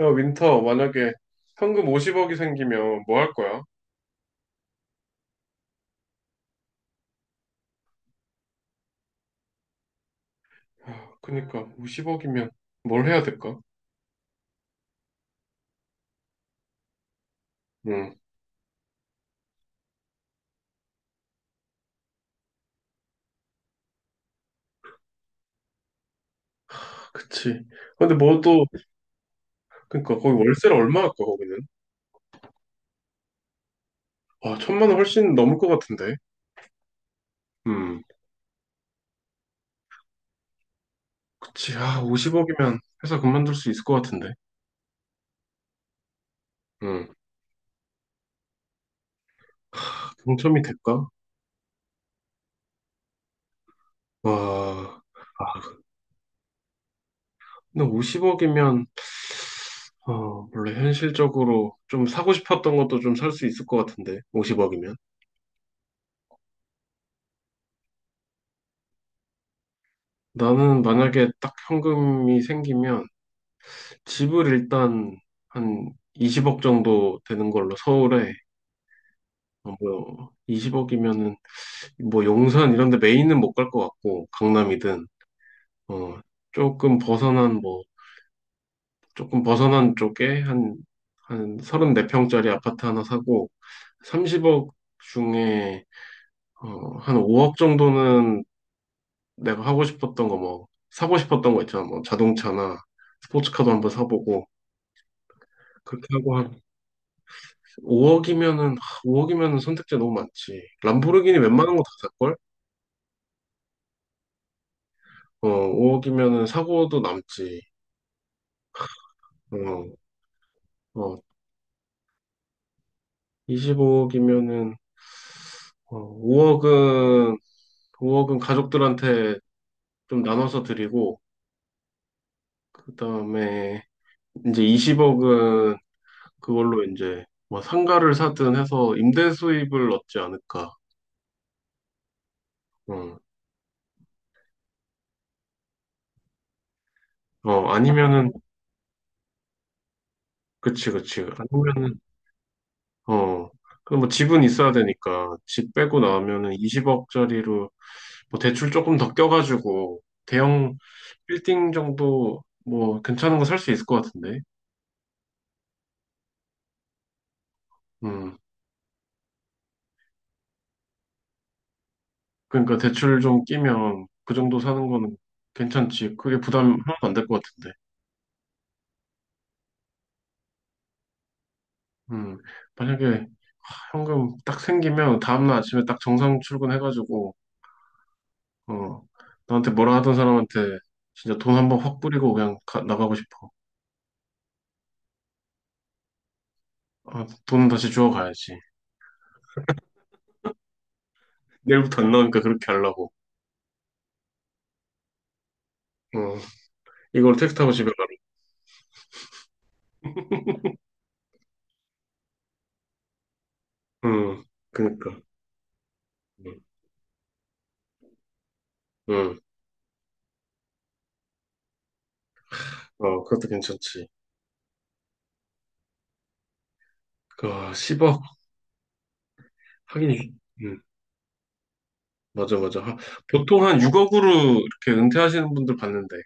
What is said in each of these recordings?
야, 윈터, 만약에 현금 50억이 생기면 뭐 할 거야? 아, 그니까, 50억이면 뭘 해야 될까? 응, 아, 그치. 근데 뭐 또, 그니까, 거기 월세를 얼마 할까, 거기는? 아, 천만 원 훨씬 넘을 것 같은데. 음, 그치. 아, 50억이면 회사 그만둘 수 있을 것 같은데. 응, 아, 당첨이 될까? 와, 아, 근데 50억이면, 원래 현실적으로 좀 사고 싶었던 것도 좀 살 수 있을 것 같은데, 50억이면. 나는 만약에 딱 현금이 생기면 집을 일단 한 20억 정도 되는 걸로 서울에 뭐 20억이면은 뭐 용산 이런 데 메인은 못 갈 것 같고 강남이든 어 조금 벗어난 뭐 조금 벗어난 쪽에 한 34평짜리 아파트 하나 사고 30억 중에 한 5억 정도는 내가 하고 싶었던 거 뭐 사고 싶었던 거 있잖아 뭐 자동차나 스포츠카도 한번 사보고 그렇게 하고 한 5억이면은 5억이면은 선택지 너무 많지. 람보르기니 웬만한 거 다 살걸? 5억이면은 사고도 남지. 어, 어, 25억이면은 5억은 가족들한테 좀 나눠서 드리고 그다음에 이제 20억은 그걸로 이제 뭐 상가를 사든 해서 임대 수입을 얻지 않을까. 어, 아니면은 그치 그치. 아니면은 어, 그럼 뭐 집은 있어야 되니까 집 빼고 나오면은 20억짜리로 뭐 대출 조금 더 껴가지고 대형 빌딩 정도 뭐 괜찮은 거 살 수 있을 것 같은데. 음, 그러니까 대출 좀 끼면 그 정도 사는 거는 괜찮지. 그게 부담 하나도 안 될 것 같은데. 음, 만약에 현금 딱 생기면 다음날 아침에 딱 정상 출근해가지고 어, 나한테 뭐라 하던 사람한테 진짜 돈 한번 확 뿌리고 그냥 나가고 싶어. 아, 돈은 다시 주워 가야지. 내일부터 안 나오니까 그렇게 하려고. 어, 이걸 택시 타고 집에 가라. 응, 그니까. 응, 응. 그것도 괜찮지. 아, 10억. 하긴, 응, 맞아, 맞아. 보통 한 6억으로 이렇게 은퇴하시는 분들 봤는데,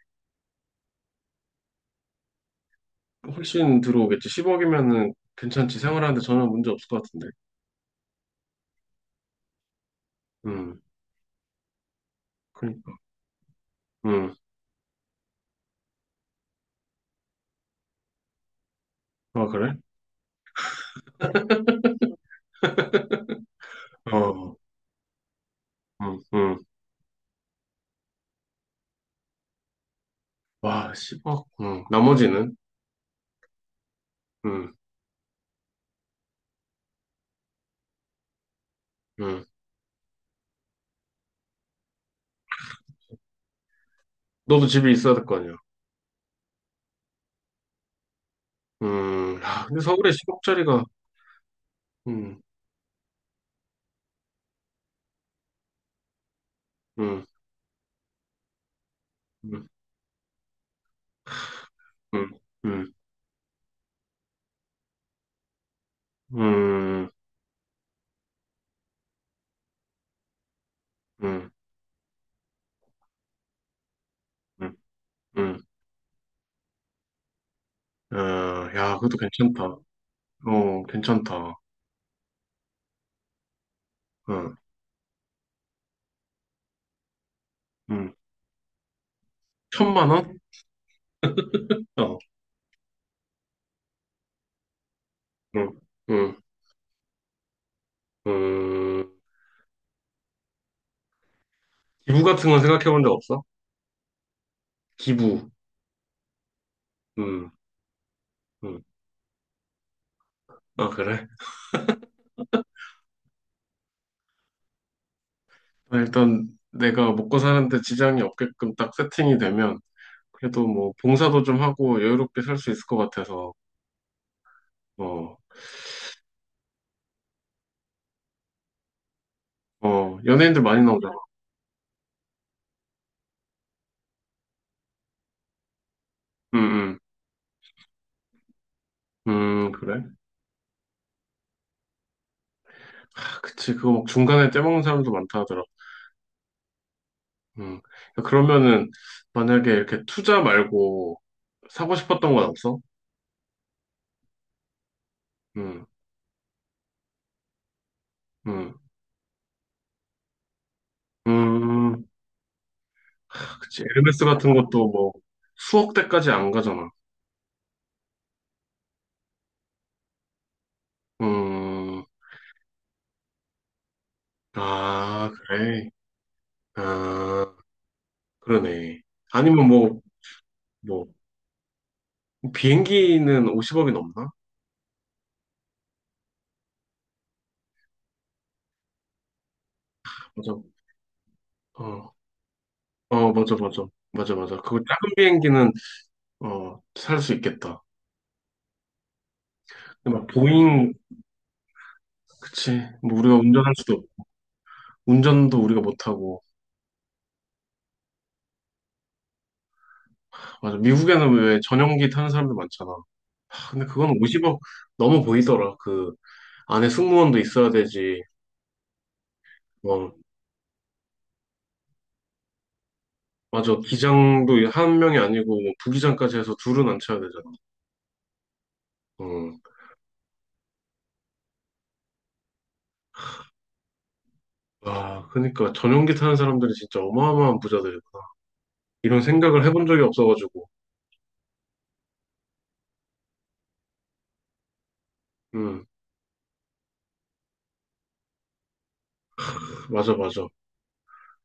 훨씬 들어오겠지. 10억이면은 괜찮지. 생활하는데 전혀 문제 없을 것 같은데. 응, 그니까. 응, 아, 그래? 어, 응, 응. 와, 10억. 응, 나머지는? 응, 응. 너도 집에 있어야 될 거 아니야. 야, 근데 서울에 10억짜리가, 음, 음, 음. 음, 음, 음, 음, 음, 음. 어, 야, 그것도 괜찮다. 괜찮다. 어, 음. 천만 원? 어, 음, 음, 음. 기부 같은 건 생각해 본 적 없어? 기부. 음, 음. 아, 그래? 아, 일단 내가 먹고 사는데 지장이 없게끔 딱 세팅이 되면 그래도 뭐 봉사도 좀 하고 여유롭게 살 수 있을 것 같아서. 어, 연예인들 많이 나오잖아. 음, 그래? 아, 그치. 그거 막 중간에 떼먹는 사람도 많다 하더라. 음. 그러면은 만약에 이렇게 투자 말고 사고 싶었던 건 없어? 음, 음, 음, 그치. 에르메스 같은 것도 뭐 수억 대까지 안 가잖아. 음, 아, 그래. 아, 그러네. 아니면 뭐, 비행기는 50억이 넘나? 맞아. 어, 어, 맞아, 맞아. 맞아, 맞아. 그거 작은 비행기는, 살 수 있겠다. 근데 막 보잉, 그치. 뭐 우리가 운전할 수도, 운전도 우리가 못하고. 맞아. 미국에는 왜 전용기 타는 사람들 많잖아. 아, 근데 그건 50억 넘어 보이더라. 그 안에 승무원도 있어야 되지. 어, 맞아. 기장도 한 명이 아니고 뭐 부기장까지 해서 둘은 안 쳐야 되잖아. 어. 와, 그러니까 전용기 타는 사람들이 진짜 어마어마한 부자들이구나. 이런 생각을 해본 적이 없어가지고. 음, 맞아, 맞아.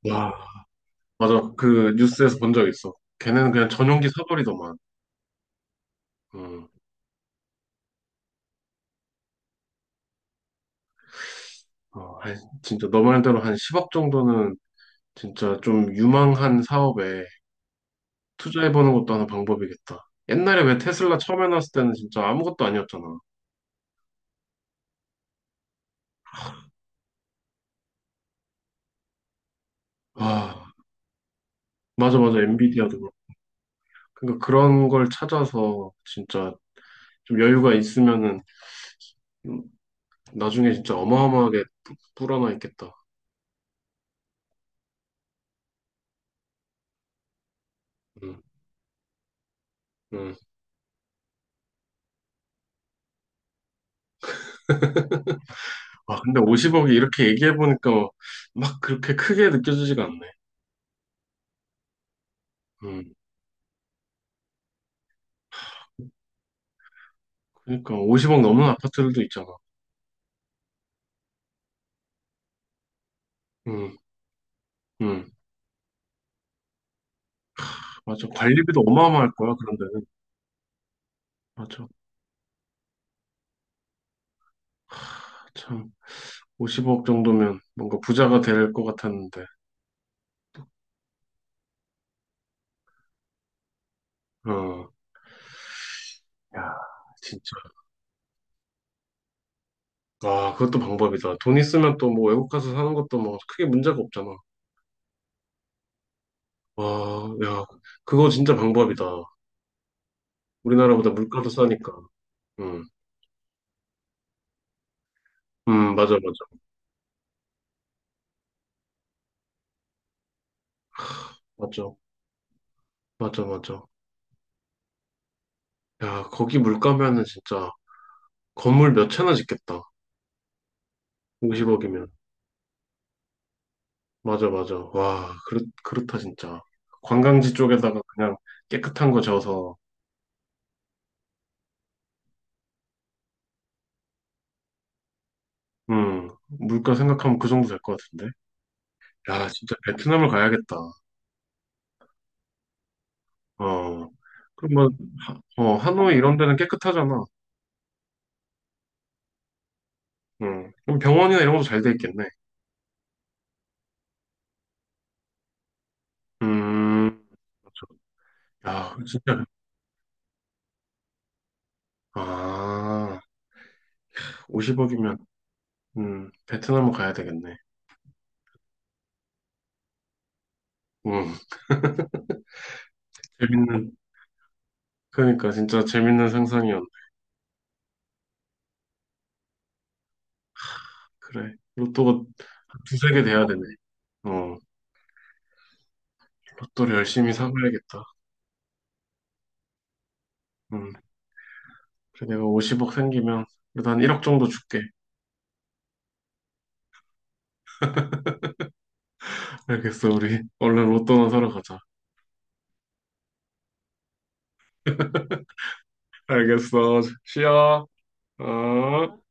와, 맞아. 그 뉴스에서 본 적 있어. 걔네는 그냥 전용기 사버리더만. 음, 아이, 진짜 너 말대로 한 10억 정도는 진짜 좀 유망한 사업에 투자해보는 것도 하나 방법이겠다. 옛날에 왜 테슬라 처음 해놨을 때는 진짜 아무것도 아니었잖아. 아, 맞아, 맞아. 엔비디아도 그렇고. 그러니까 그런 걸 찾아서 진짜 좀 여유가 있으면은 음, 나중에 진짜 어마어마하게 불어나 있겠다. 음, 음. 아, 근데 50억이 이렇게 얘기해보니까 막 그렇게 크게 느껴지지가 않네. 음. 그러니까 50억 넘는 아파트들도 있잖아. 음, 음. 맞아. 관리비도 어마어마할 거야, 그런데는. 맞아. 참. 50억 정도면 뭔가 부자가 될 것 같았는데. 어, 야, 진짜. 아, 그것도 방법이다. 돈 있으면 또 뭐 외국 가서 사는 것도 뭐 크게 문제가 없잖아. 와, 야, 그거 진짜 방법이다. 우리나라보다 물가도 싸니까. 음, 맞아, 맞아. 맞아, 맞아, 맞아. 야, 거기 물가면은 진짜 건물 몇 채나 짓겠다. 50억이면. 맞아, 맞아. 와, 그렇다, 진짜. 관광지 쪽에다가 그냥 깨끗한 거 지어서, 물가 생각하면 그 정도 될 것 같은데. 야, 진짜 베트남을 가야겠다. 어. 그럼 뭐, 하노이 이런 데는 깨끗하잖아. 음. 그럼 병원이나 이런 것도 잘 돼 있겠네. 음. 그렇죠. 야, 진짜. 아, 50억이면, 베트남을 가야 되겠네. 음, 재밌는, 그러니까 진짜 재밌는 상상이었네. 그래. 로또가 두세 개 돼야 되네. 어, 로또를 열심히 사봐야겠다. 음, 그래, 내가 50억 생기면, 그래도 한 1억 정도 줄게. 알겠어, 우리. 얼른 로또나 사러 가자. 알겠어. 쉬어. 어.